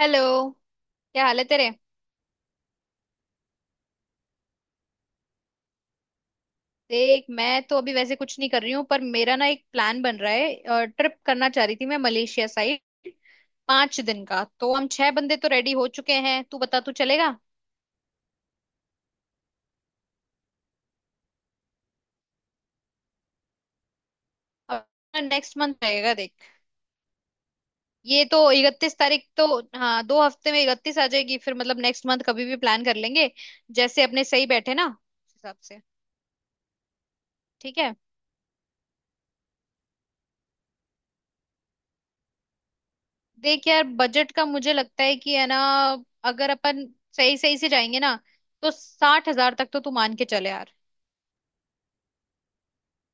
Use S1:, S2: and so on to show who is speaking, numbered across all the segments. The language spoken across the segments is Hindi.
S1: हेलो। क्या हाल है तेरे। देख, मैं तो अभी वैसे कुछ नहीं कर रही हूँ, पर मेरा ना एक प्लान बन रहा है। ट्रिप करना चाह रही थी मैं मलेशिया साइड। 5 दिन का, तो हम छह बंदे तो रेडी हो चुके हैं। तू बता, तू चलेगा। अब नेक्स्ट मंथ रहेगा देख। ये तो 31 तारीख तो, हाँ, 2 हफ्ते में 31 आ जाएगी, फिर मतलब नेक्स्ट मंथ कभी भी प्लान कर लेंगे, जैसे अपने सही बैठे ना उस हिसाब से। ठीक है। देख यार, बजट का मुझे लगता है कि है ना, अगर अपन सही सही से जाएंगे ना, तो 60,000 तक तो तू मान के चले यार।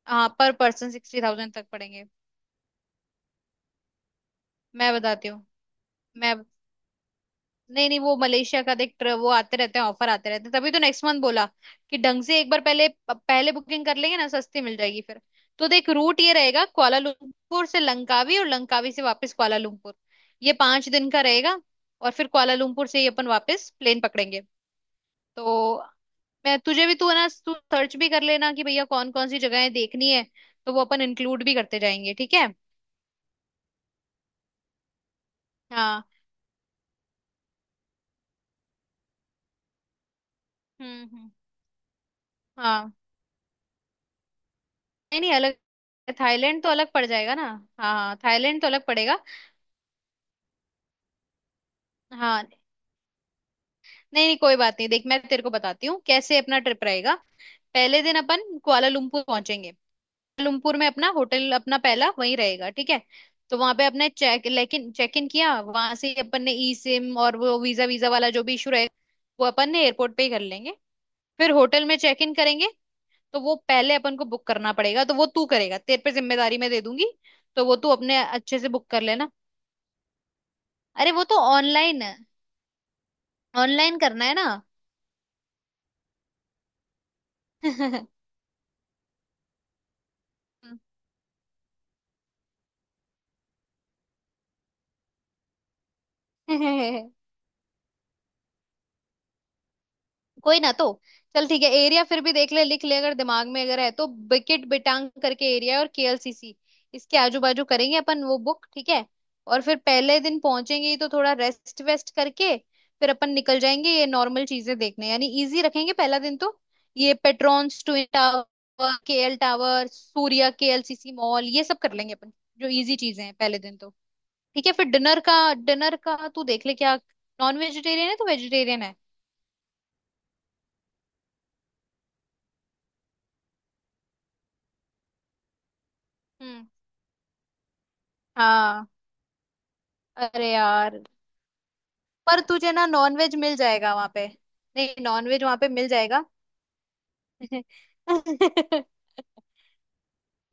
S1: हाँ, पर पर्सन 60,000 तक पड़ेंगे। मैं बताती हूँ मैं नहीं नहीं, वो मलेशिया का, देख वो आते रहते हैं, ऑफर आते रहते हैं, तभी तो नेक्स्ट मंथ बोला कि ढंग से एक बार पहले पहले बुकिंग कर लेंगे ना, सस्ती मिल जाएगी फिर। तो देख, रूट ये रहेगा, कुआलालंपुर से लंकावी और लंकावी से वापस कुआलालंपुर। ये 5 दिन का रहेगा, और फिर कुआलालंपुर से ही अपन वापस प्लेन पकड़ेंगे। तो मैं तुझे भी, तू है ना, तू सर्च भी कर लेना कि भैया कौन कौन सी जगहें देखनी है, तो वो अपन इंक्लूड भी करते जाएंगे, ठीक है। हाँ। हम्म। हाँ। नहीं नहीं, अलग। थाईलैंड तो अलग पड़ जाएगा ना। हाँ हाँ, थाईलैंड तो अलग पड़ेगा। हाँ। नहीं नहीं, कोई बात नहीं, देख मैं तेरे को बताती हूँ कैसे अपना ट्रिप रहेगा। पहले दिन अपन कुआलालंपुर पहुंचेंगे। कुआलालंपुर में अपना होटल अपना पहला वहीं रहेगा, ठीक है। तो वहां पे अपने चेक, लेकिन चेक इन किया, वहां से ही अपन ने ई सिम, और वो वीजा वीजा वाला जो भी इशू रहेगा, वो अपन ने एयरपोर्ट पे ही कर लेंगे। फिर होटल में चेक इन करेंगे। तो वो पहले अपन को बुक करना पड़ेगा, तो वो तू करेगा, तेरे पे जिम्मेदारी मैं दे दूंगी, तो वो तू अपने अच्छे से बुक कर लेना। अरे वो तो ऑनलाइन है, ऑनलाइन करना है। ना। कोई ना, तो चल ठीक है। एरिया फिर भी देख ले, लिख ले अगर दिमाग में अगर है, तो बिकिट बिटांग करके एरिया है, और केएलसीसी, इसके आजू बाजू करेंगे अपन वो बुक, ठीक है। और फिर पहले दिन पहुंचेंगे ही, तो थोड़ा रेस्ट वेस्ट करके फिर अपन निकल जाएंगे, ये नॉर्मल चीजें देखने, यानी इजी रखेंगे पहला दिन तो। ये Petronas twin tower, KL tower, Suria KLCC mall, ये सब कर लेंगे अपन, जो इजी चीजें हैं पहले दिन तो। ठीक है। फिर डिनर का, डिनर का तू देख ले, क्या नॉन वेजिटेरियन है तो वेजिटेरियन है। हम्म। हाँ। अरे यार, पर तुझे ना नॉनवेज मिल जाएगा वहां पे, नहीं नॉनवेज वहां पे मिल जाएगा।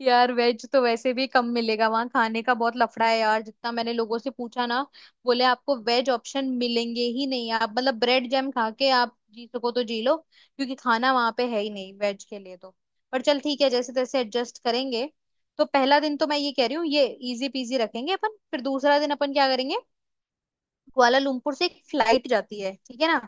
S1: यार, वेज तो वैसे भी कम मिलेगा वहां, खाने का बहुत लफड़ा है यार, जितना मैंने लोगों से पूछा ना, बोले आपको वेज ऑप्शन मिलेंगे ही नहीं, आप मतलब ब्रेड जैम खा के आप जी सको तो जी लो, क्योंकि खाना वहां पे है ही नहीं वेज के लिए तो। पर चल ठीक है, जैसे तैसे एडजस्ट करेंगे। तो पहला दिन तो मैं ये कह रही हूँ, ये इजी पीजी रखेंगे अपन। फिर दूसरा दिन अपन क्या करेंगे, कुआलालंपुर से एक फ्लाइट जाती है, ठीक है ना,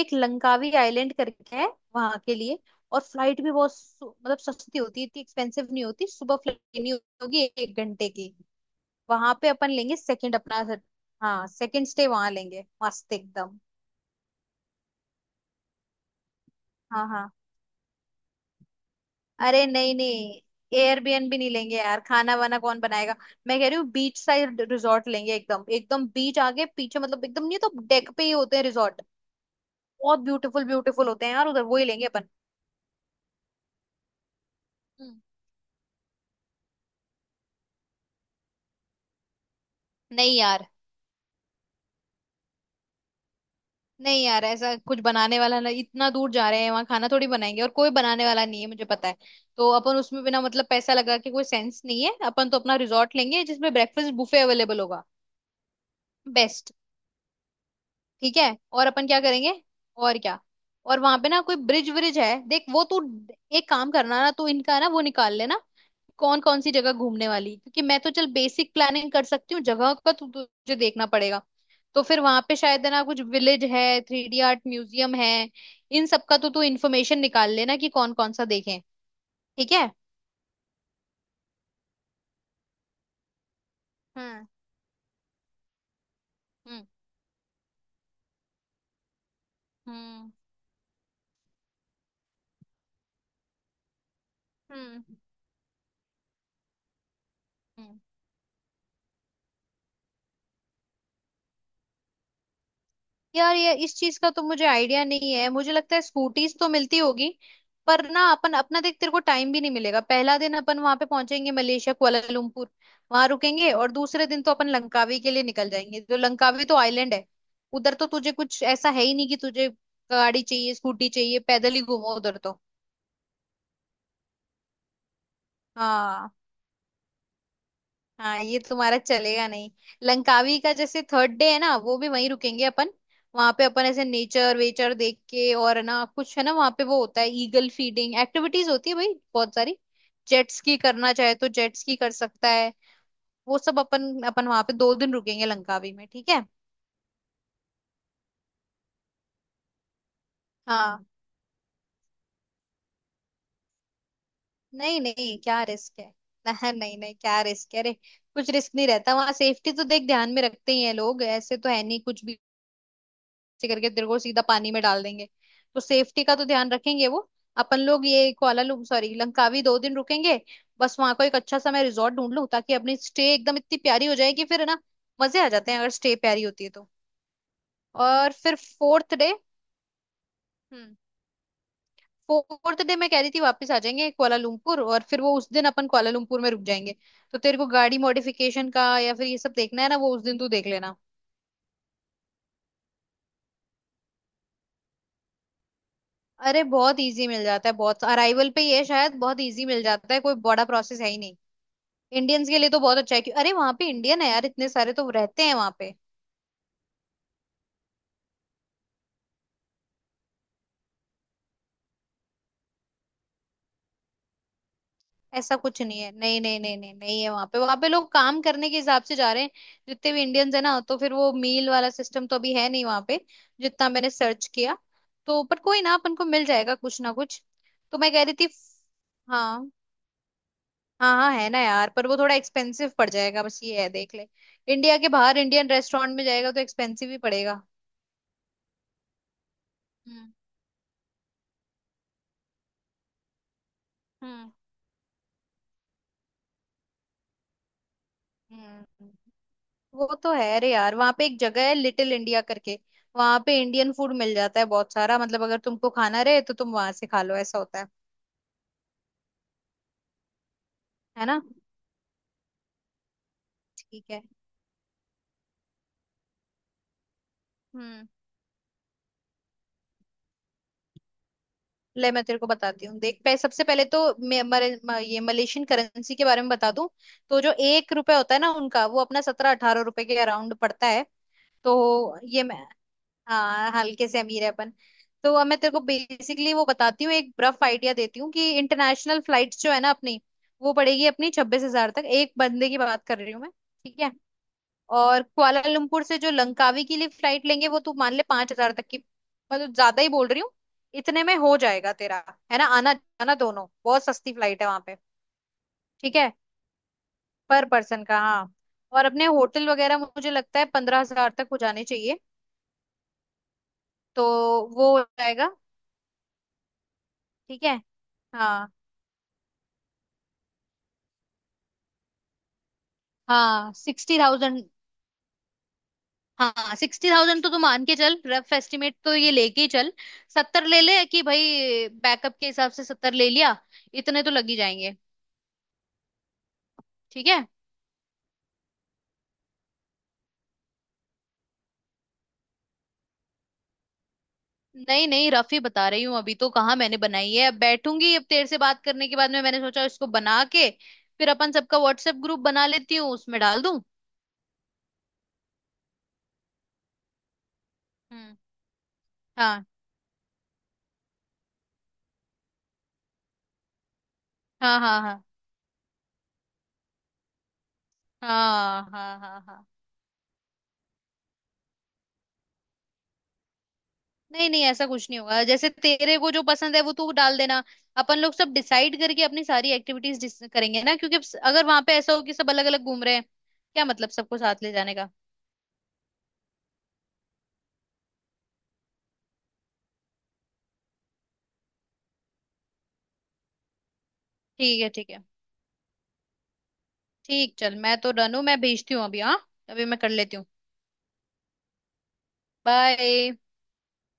S1: एक लंकावी आइलैंड करके है वहां के लिए, और फ्लाइट भी बहुत मतलब सस्ती होती है, इतनी एक्सपेंसिव नहीं होती, सुबह फ्लाइट लेनी होगी, 1 घंटे की। वहां पे अपन लेंगे सेकंड अपना, हाँ, सेकंड स्टे वहां लेंगे, मस्त एकदम। हाँ हाँ। अरे नहीं नहीं, एयरबीएनबी नहीं लेंगे यार, खाना वाना कौन बनाएगा। मैं कह रही हूँ बीच साइड रिजॉर्ट लेंगे एकदम, एकदम बीच आगे पीछे, मतलब एकदम, नहीं तो डेक पे ही होते हैं रिजॉर्ट, बहुत ब्यूटीफुल ब्यूटीफुल होते हैं यार उधर, वो ही लेंगे अपन। नहीं यार। नहीं यार, ऐसा कुछ बनाने वाला ना, इतना दूर जा रहे हैं वहां खाना थोड़ी बनाएंगे, और कोई बनाने वाला नहीं है मुझे पता है। तो अपन उसमें बिना मतलब पैसा लगा के कोई सेंस नहीं है, अपन तो अपना रिजॉर्ट लेंगे जिसमें ब्रेकफास्ट बुफे अवेलेबल होगा, बेस्ट। ठीक है, और अपन क्या करेंगे, और क्या, और वहां पे ना कोई ब्रिज व्रिज है, देख वो तू एक काम करना ना, तू इनका ना वो निकाल लेना, कौन कौन सी जगह घूमने वाली, क्योंकि मैं तो चल बेसिक प्लानिंग कर सकती हूँ, जगह का तुझे देखना पड़ेगा। तो फिर वहां पे शायद है ना कुछ विलेज है, 3D आर्ट म्यूजियम है, इन सब का तो तू इन्फॉर्मेशन निकाल लेना कि कौन कौन सा देखें। ठीक है। हम्म हम्म। हम्म हम्म हम्म। यार, ये इस चीज का तो मुझे आइडिया नहीं है, मुझे लगता है स्कूटीज तो मिलती होगी। पर ना अपन अपना देख, तेरे को टाइम भी नहीं मिलेगा, पहला दिन अपन वहां पे पहुंचेंगे मलेशिया कुआलालंपुर, वहां रुकेंगे, और दूसरे दिन तो अपन लंकावी के लिए निकल जाएंगे, जो लंकावी तो आइलैंड है, उधर तो तुझे कुछ ऐसा है ही नहीं कि तुझे गाड़ी चाहिए, स्कूटी चाहिए, पैदल ही घूमो उधर तो। हाँ हाँ, ये तुम्हारा चलेगा नहीं। लंकावी का जैसे थर्ड डे है ना, वो भी वहीं रुकेंगे अपन। वहां पे अपन ऐसे नेचर वेचर देख के, और है ना कुछ है ना वहां पे, वो होता है ईगल फीडिंग, एक्टिविटीज होती है भाई बहुत सारी, जेट स्की करना चाहे तो जेट स्की कर सकता है, वो सब अपन। अपन वहां पे 2 दिन रुकेंगे लंकावी में, ठीक है। हाँ। नहीं नहीं, क्या रिस्क है। नहीं नहीं नहीं, क्या रिस्क है। अरे, कुछ रिस्क नहीं रहता वहां, सेफ्टी तो देख ध्यान में रखते ही हैं लोग, ऐसे तो है नहीं कुछ भी से करके तेरे को सीधा पानी में डाल देंगे, तो सेफ्टी का तो ध्यान रखेंगे वो। अपन लोग ये कुआलालंपुर, सॉरी लंकावी, 2 दिन रुकेंगे। बस वहां को एक अच्छा सा मैं रिजॉर्ट ढूंढ लूं, ताकि अपनी स्टे एकदम इतनी प्यारी हो जाए, कि फिर है ना, मजे आ जाते हैं अगर स्टे प्यारी होती है तो। और फिर फोर्थ डे। हम्म। फोर्थ डे मैं कह रही थी, वापस आ जाएंगे कुआलालंपुर, और फिर वो उस दिन अपन कुआलालंपुर में रुक जाएंगे। तो तेरे को गाड़ी मॉडिफिकेशन का या फिर ये सब देखना है ना, वो उस दिन तू देख लेना। अरे बहुत इजी मिल जाता है, बहुत, अराइवल पे ही है शायद, बहुत इजी मिल जाता है, कोई बड़ा प्रोसेस है ही नहीं इंडियंस के लिए, तो बहुत अच्छा है क्यों, अरे वहां पे इंडियन है यार, इतने सारे तो रहते हैं वहां पे। ऐसा कुछ नहीं है, नहीं नहीं नहीं नहीं नहीं है वहां पे, वहां पे लोग काम करने के हिसाब से जा रहे हैं जितने भी इंडियंस है ना, तो फिर वो मील वाला सिस्टम तो अभी है नहीं वहां पे, जितना मैंने सर्च किया। तो पर कोई ना, अपन को मिल जाएगा कुछ ना कुछ। तो मैं कह रही थी। हाँ हाँ हाँ, है ना यार, पर वो थोड़ा एक्सपेंसिव पड़ जाएगा, बस ये है देख ले। इंडिया के बाहर इंडियन रेस्टोरेंट में जाएगा तो एक्सपेंसिव ही पड़ेगा। हम्म हम्म हम्म। वो तो है रे यार, वहां पे एक जगह है लिटिल इंडिया करके, वहां पे इंडियन फूड मिल जाता है बहुत सारा, मतलब अगर तुमको खाना रहे तो तुम वहां से खा लो, ऐसा होता है। है ना। ठीक है। हम्म। ले मैं तेरे को बताती हूँ, देख सबसे पहले तो ये मलेशियन करेंसी के बारे में बता दूं। तो जो 1 रुपए होता है ना उनका, वो अपना 17-18 रुपए के अराउंड पड़ता है। तो ये मैं। हाँ, हल्के से अमीर है अपन। तो अब मैं तेरे को बेसिकली वो बताती हूँ, एक रफ आइडिया देती हूँ कि इंटरनेशनल फ्लाइट्स जो है ना अपनी, वो पड़ेगी अपनी 26,000 तक, एक बंदे की बात कर रही हूँ मैं, ठीक है। और कुआलालंपुर से जो लंकावी के लिए फ्लाइट लेंगे, वो तू मान ले 5,000 तक की, मतलब ज्यादा ही बोल रही हूँ, इतने में हो जाएगा तेरा, है ना, आना जाना दोनों, बहुत सस्ती फ्लाइट है वहां पे। ठीक है, पर पर्सन का हाँ। और अपने होटल वगैरह मुझे लगता है 15,000 तक हो जाने चाहिए, तो वो हो जाएगा। ठीक है। हाँ। हाँ 60,000। हाँ 60,000 तो तू मान के चल, रफ एस्टिमेट तो ये लेके ही चल। 70 ले ले कि भाई बैकअप के हिसाब से 70 ले लिया, इतने तो लग ही जाएंगे। ठीक है। नहीं नहीं, रफ ही बता रही हूँ अभी, तो कहाँ मैंने बनाई है, अब बैठूंगी, अब तेरे से बात करने के बाद में मैंने सोचा, इसको बना के फिर अपन सबका व्हाट्सएप ग्रुप बना लेती हूँ, उसमें डाल दूँ। हम्म। हाँ हाँ हाँ। हाँ हाँ हाँ हाँ हाँ। नहीं नहीं, ऐसा कुछ नहीं होगा, जैसे तेरे को जो पसंद है वो तू डाल देना, अपन लोग सब डिसाइड करके अपनी सारी एक्टिविटीज करेंगे ना, क्योंकि अब अगर वहां पे ऐसा हो कि सब अलग अलग घूम रहे हैं, क्या मतलब सबको साथ ले जाने का। ठीक है, ठीक है। ठीक, चल मैं तो डन हूँ, मैं भेजती हूँ अभी, हाँ अभी मैं कर लेती हूँ। बाय।